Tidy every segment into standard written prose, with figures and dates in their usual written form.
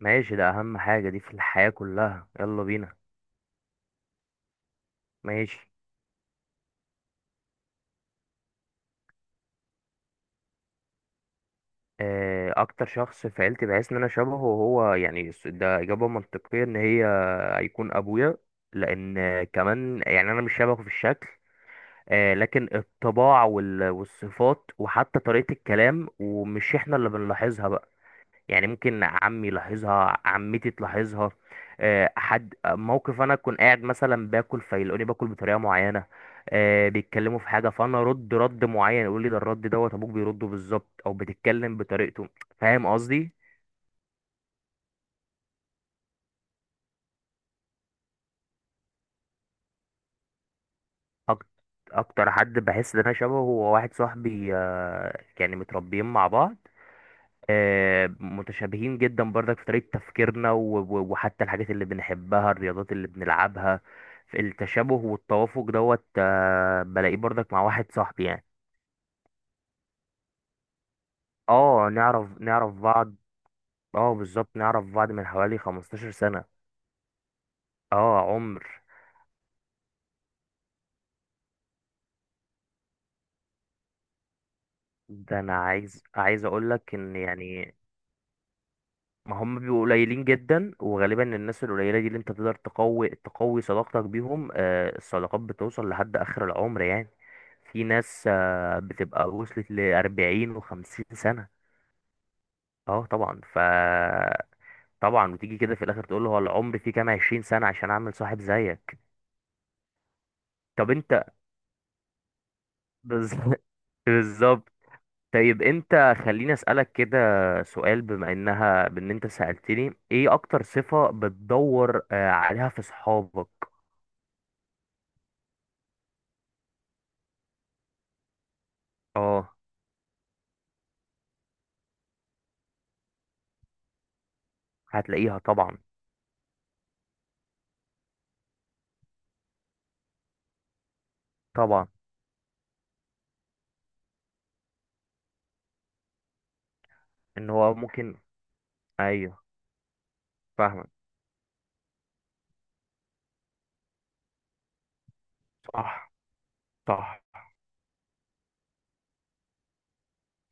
ماشي، ده اهم حاجة دي في الحياة كلها، يلا بينا. ماشي. اكتر شخص في عيلتي بحس ان انا شبهه هو يعني ده اجابة منطقية ان هي هيكون ابويا، لان كمان يعني انا مش شبهه في الشكل، لكن الطباع والصفات وحتى طريقة الكلام، ومش احنا اللي بنلاحظها بقى. يعني ممكن عمي يلاحظها، عمتي تلاحظها. حد موقف انا اكون قاعد مثلا باكل فيلاقوني باكل بطريقه معينه، بيتكلموا في حاجه فانا ارد رد معين يقول لي ده الرد دوت ابوك بيرده بالظبط او بتتكلم بطريقته. فاهم قصدي؟ أك- اكتر حد بحس ان انا شبهه هو واحد صاحبي، يعني متربيين مع بعض، متشابهين جدا برضك في طريقة تفكيرنا وحتى الحاجات اللي بنحبها، الرياضات اللي بنلعبها. في التشابه والتوافق دوت، بلاقيه برضك مع واحد صاحبي يعني. اه، نعرف بعض. اه بالظبط، نعرف بعض من حوالي 15 سنة. اه عمر. ده انا عايز اقول لك ان يعني ما هم بيبقوا قليلين جدا، وغالبا الناس القليلة دي اللي انت تقدر تقوي صداقتك بيهم. الصداقات بتوصل لحد آخر العمر يعني. في ناس بتبقى وصلت لـ40 و50 سنة. اه طبعا ف طبعا. وتيجي كده في الآخر تقول له هو العمر فيه كام، 20 سنة عشان أعمل صاحب زيك؟ طب انت. بز- بالظبط. طيب انت، خليني أسألك كده سؤال بما انها بان انت سألتني، ايه اكتر صفة بتدور عليها في صحابك؟ اه. هتلاقيها طبعا. طبعا. ان هو ممكن. ايوه فاهمك. صح. صح.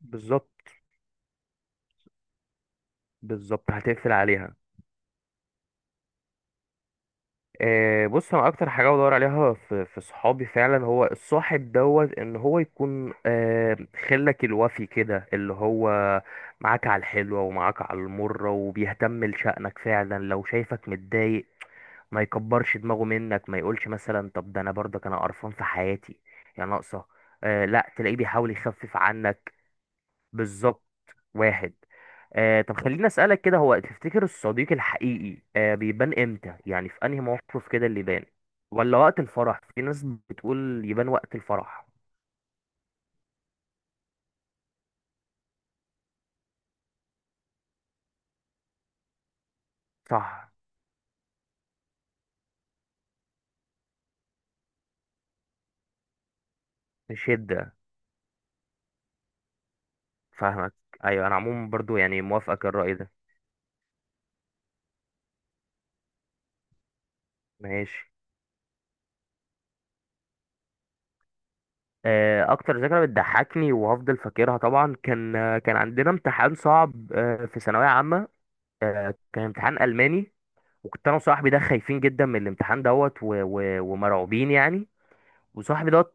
بالظبط. بالظبط هتقفل عليها. آه بص انا اكتر حاجه بدور عليها في صحابي فعلا هو الصاحب دوت ان هو يكون آه، خلك الوفي كده، اللي هو معاك على الحلوه ومعاك على المره وبيهتم لشأنك فعلا. لو شايفك متضايق ما يكبرش دماغه منك، ما يقولش مثلا طب ده انا برضك انا قرفان في حياتي يا ناقصه. آه لا، تلاقيه بيحاول يخفف عنك. بالظبط. واحد. آه طب خليني اسالك كده، هو تفتكر الصديق الحقيقي بيبان امتى؟ يعني في انهي موقف كده اللي يبان؟ ولا وقت الفرح؟ في ناس بتقول يبان وقت الفرح. صح. مش هدة. فاهمك. ايوه انا عموما برضو يعني موافقك الرأي ده. ماشي. اكتر ذكرى بتضحكني وهفضل فاكرها طبعا، كان كان عندنا امتحان صعب في ثانوية عامة. كان امتحان ألماني. وكنت انا وصاحبي ده خايفين جدا من الامتحان دوت، ومرعوبين يعني. وصاحبي دوت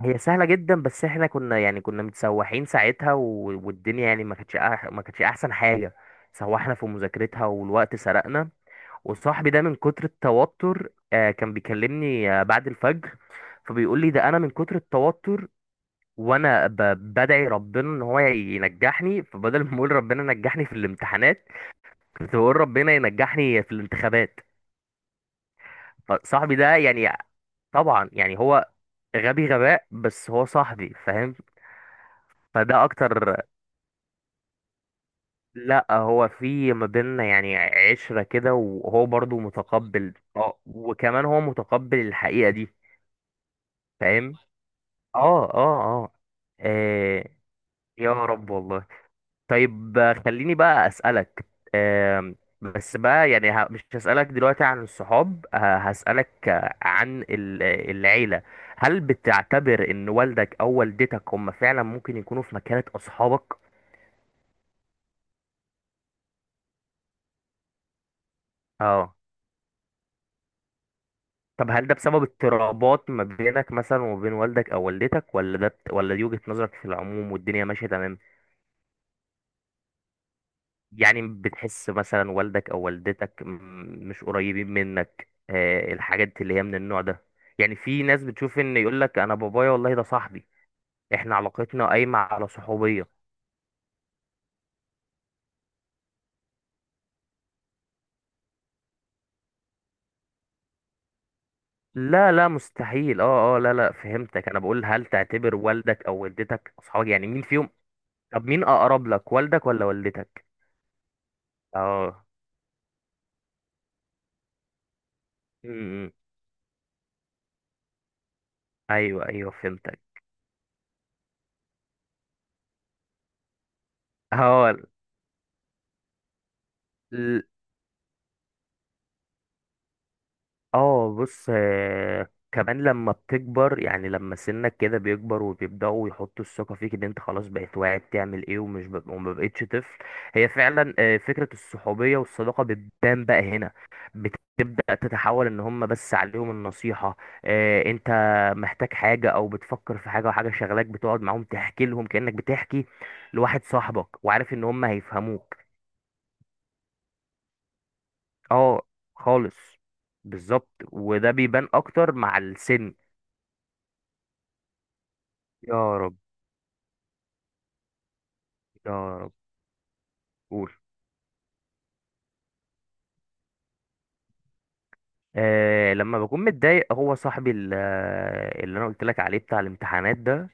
هي سهله جدا، بس احنا كنا يعني كنا متسوحين ساعتها، والدنيا يعني ما كانتش ما كانتش احسن حاجه. سوحنا في مذاكرتها والوقت سرقنا. وصاحبي ده من كتر التوتر كان بيكلمني بعد الفجر، فبيقول لي ده انا من كتر التوتر وانا بدعي ربنا ان هو ينجحني، فبدل ما اقول ربنا نجحني في الامتحانات كنت بقول ربنا ينجحني في الانتخابات. فصاحبي ده يعني. طبعا يعني هو غبي غباء، بس هو صاحبي فاهم؟ فده اكتر. لا هو في ما بيننا يعني عشرة كده، وهو برضو متقبل، اه وكمان هو متقبل الحقيقة دي. فاهم. اه. آه، يا رب والله. طيب خليني بقى اسألك. آه، بس بقى يعني مش هسألك دلوقتي عن الصحاب، هسألك عن العيلة. هل بتعتبر ان والدك او والدتك هم فعلا ممكن يكونوا في مكانة اصحابك؟ اه. طب هل ده بسبب اضطرابات ما بينك مثلا وبين والدك او والدتك؟ ولا ده ولا دي وجهة نظرك في العموم والدنيا ماشية تمام؟ يعني بتحس مثلا والدك او والدتك مش قريبين منك، الحاجات اللي هي من النوع ده. يعني في ناس بتشوف ان يقول لك انا بابايا والله ده صاحبي، احنا علاقتنا قايمة على صحوبية. لا مستحيل. اه اه، لا فهمتك، انا بقول هل تعتبر والدك او والدتك اصحابك؟ يعني مين فيهم؟ طب مين اقرب لك، والدك ولا والدتك؟ اه. م- م. ايوه ايوه فهمت. هو ال- اه بص كمان لما بتكبر، يعني لما سنك كده بيكبر وبيبدأوا يحطوا الثقة فيك ان انت خلاص بقيت واعي بتعمل ايه، ومش ب... وما بقيتش طفل. هي فعلا فكرة الصحوبية والصداقة بتبان بقى هنا، بتبدأ تتحول ان هم بس عليهم النصيحة. انت محتاج حاجة او بتفكر في حاجة وحاجة شغلاك، بتقعد معاهم تحكي لهم كأنك بتحكي لواحد صاحبك، وعارف ان هم هيفهموك. اه خالص. بالظبط وده بيبان اكتر مع السن. يا رب. يا رب. قول. لما بكون متضايق هو صاحبي اللي انا قلت لك عليه بتاع الامتحانات ده.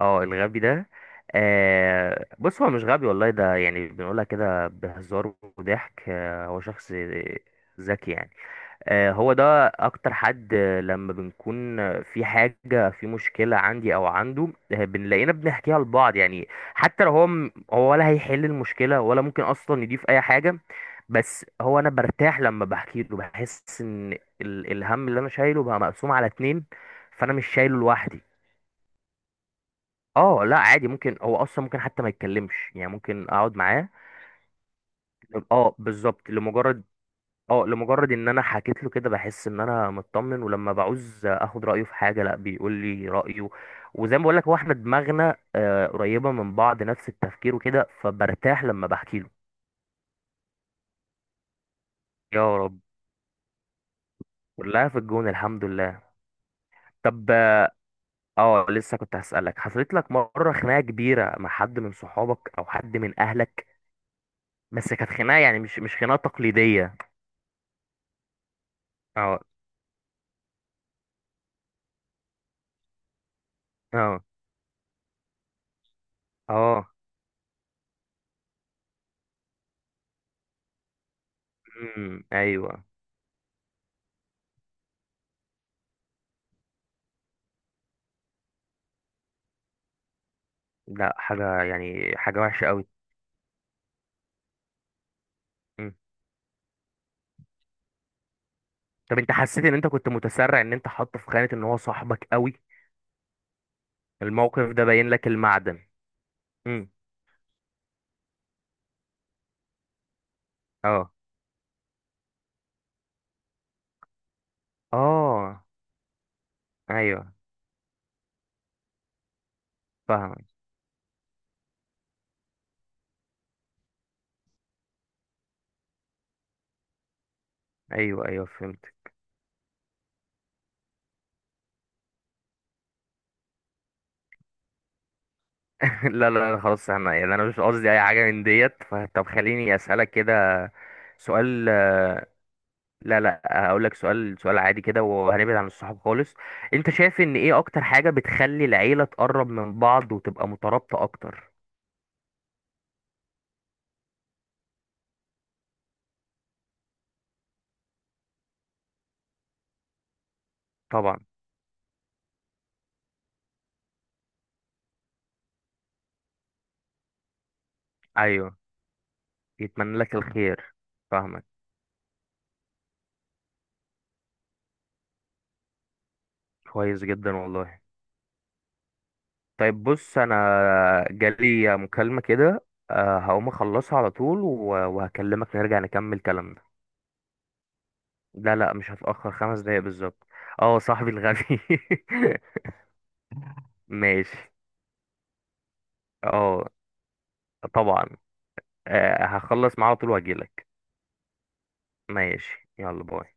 اه الغبي ده. بص هو مش غبي والله، ده يعني بنقولها كده بهزار وضحك. هو شخص ذكي يعني. هو ده اكتر حد لما بنكون في حاجة، في مشكلة عندي او عنده، بنلاقينا بنحكيها لبعض يعني. حتى لو هو هو ولا هيحل المشكلة ولا ممكن اصلا يضيف اي حاجة، بس هو انا برتاح لما بحكي له، بحس ان الهم اللي انا شايله بقى مقسوم على اتنين، فانا مش شايله لوحدي. اه لا عادي، ممكن هو اصلا ممكن حتى ما يتكلمش يعني، ممكن اقعد معاه. اه بالظبط، لمجرد. اه لمجرد ان انا حكيت له كده بحس ان انا مطمن، ولما بعوز اخد رايه في حاجه لا بيقول لي رايه. وزي ما بقول لك هو احنا دماغنا قريبه من بعض، نفس التفكير وكده، فبرتاح لما بحكي له. يا رب. كلها في الجون الحمد لله. طب. اه لسه كنت هسألك، حصلت لك مره خناقه كبيره مع حد من صحابك او حد من اهلك؟ بس كانت خناقه يعني مش خناقه تقليديه. اه اه اه. ايوه. لا حاجه يعني حاجه وحشه قوي. طب انت حسيت ان انت كنت متسرع ان انت حاطه في خانة ان هو صاحبك قوي؟ الموقف ده باين لك المعدن. امم. اه اه. ايوه فاهم. ايوه ايوه فهمت. لا لا لا خلاص، انا يعني انا مش قصدي اي حاجة من ديت. فطب خليني اسألك كده سؤال. لا لا هقول لك سؤال، سؤال عادي كده وهنبعد عن الصحاب خالص. انت شايف ان ايه اكتر حاجة بتخلي العيلة تقرب من بعض وتبقى مترابطة اكتر؟ طبعا. ايوه. يتمنى لك الخير. فاهمك. كويس جدا والله. طيب بص انا جالي مكالمة كده، هقوم اخلصها على طول وهكلمك نرجع نكمل كلامنا. لا لا مش هتأخر، 5 دقايق بالظبط. اه صاحبي الغبي. ماشي. اه. طبعا. هخلص معاه على طول واجيلك. ماشي يلا باي.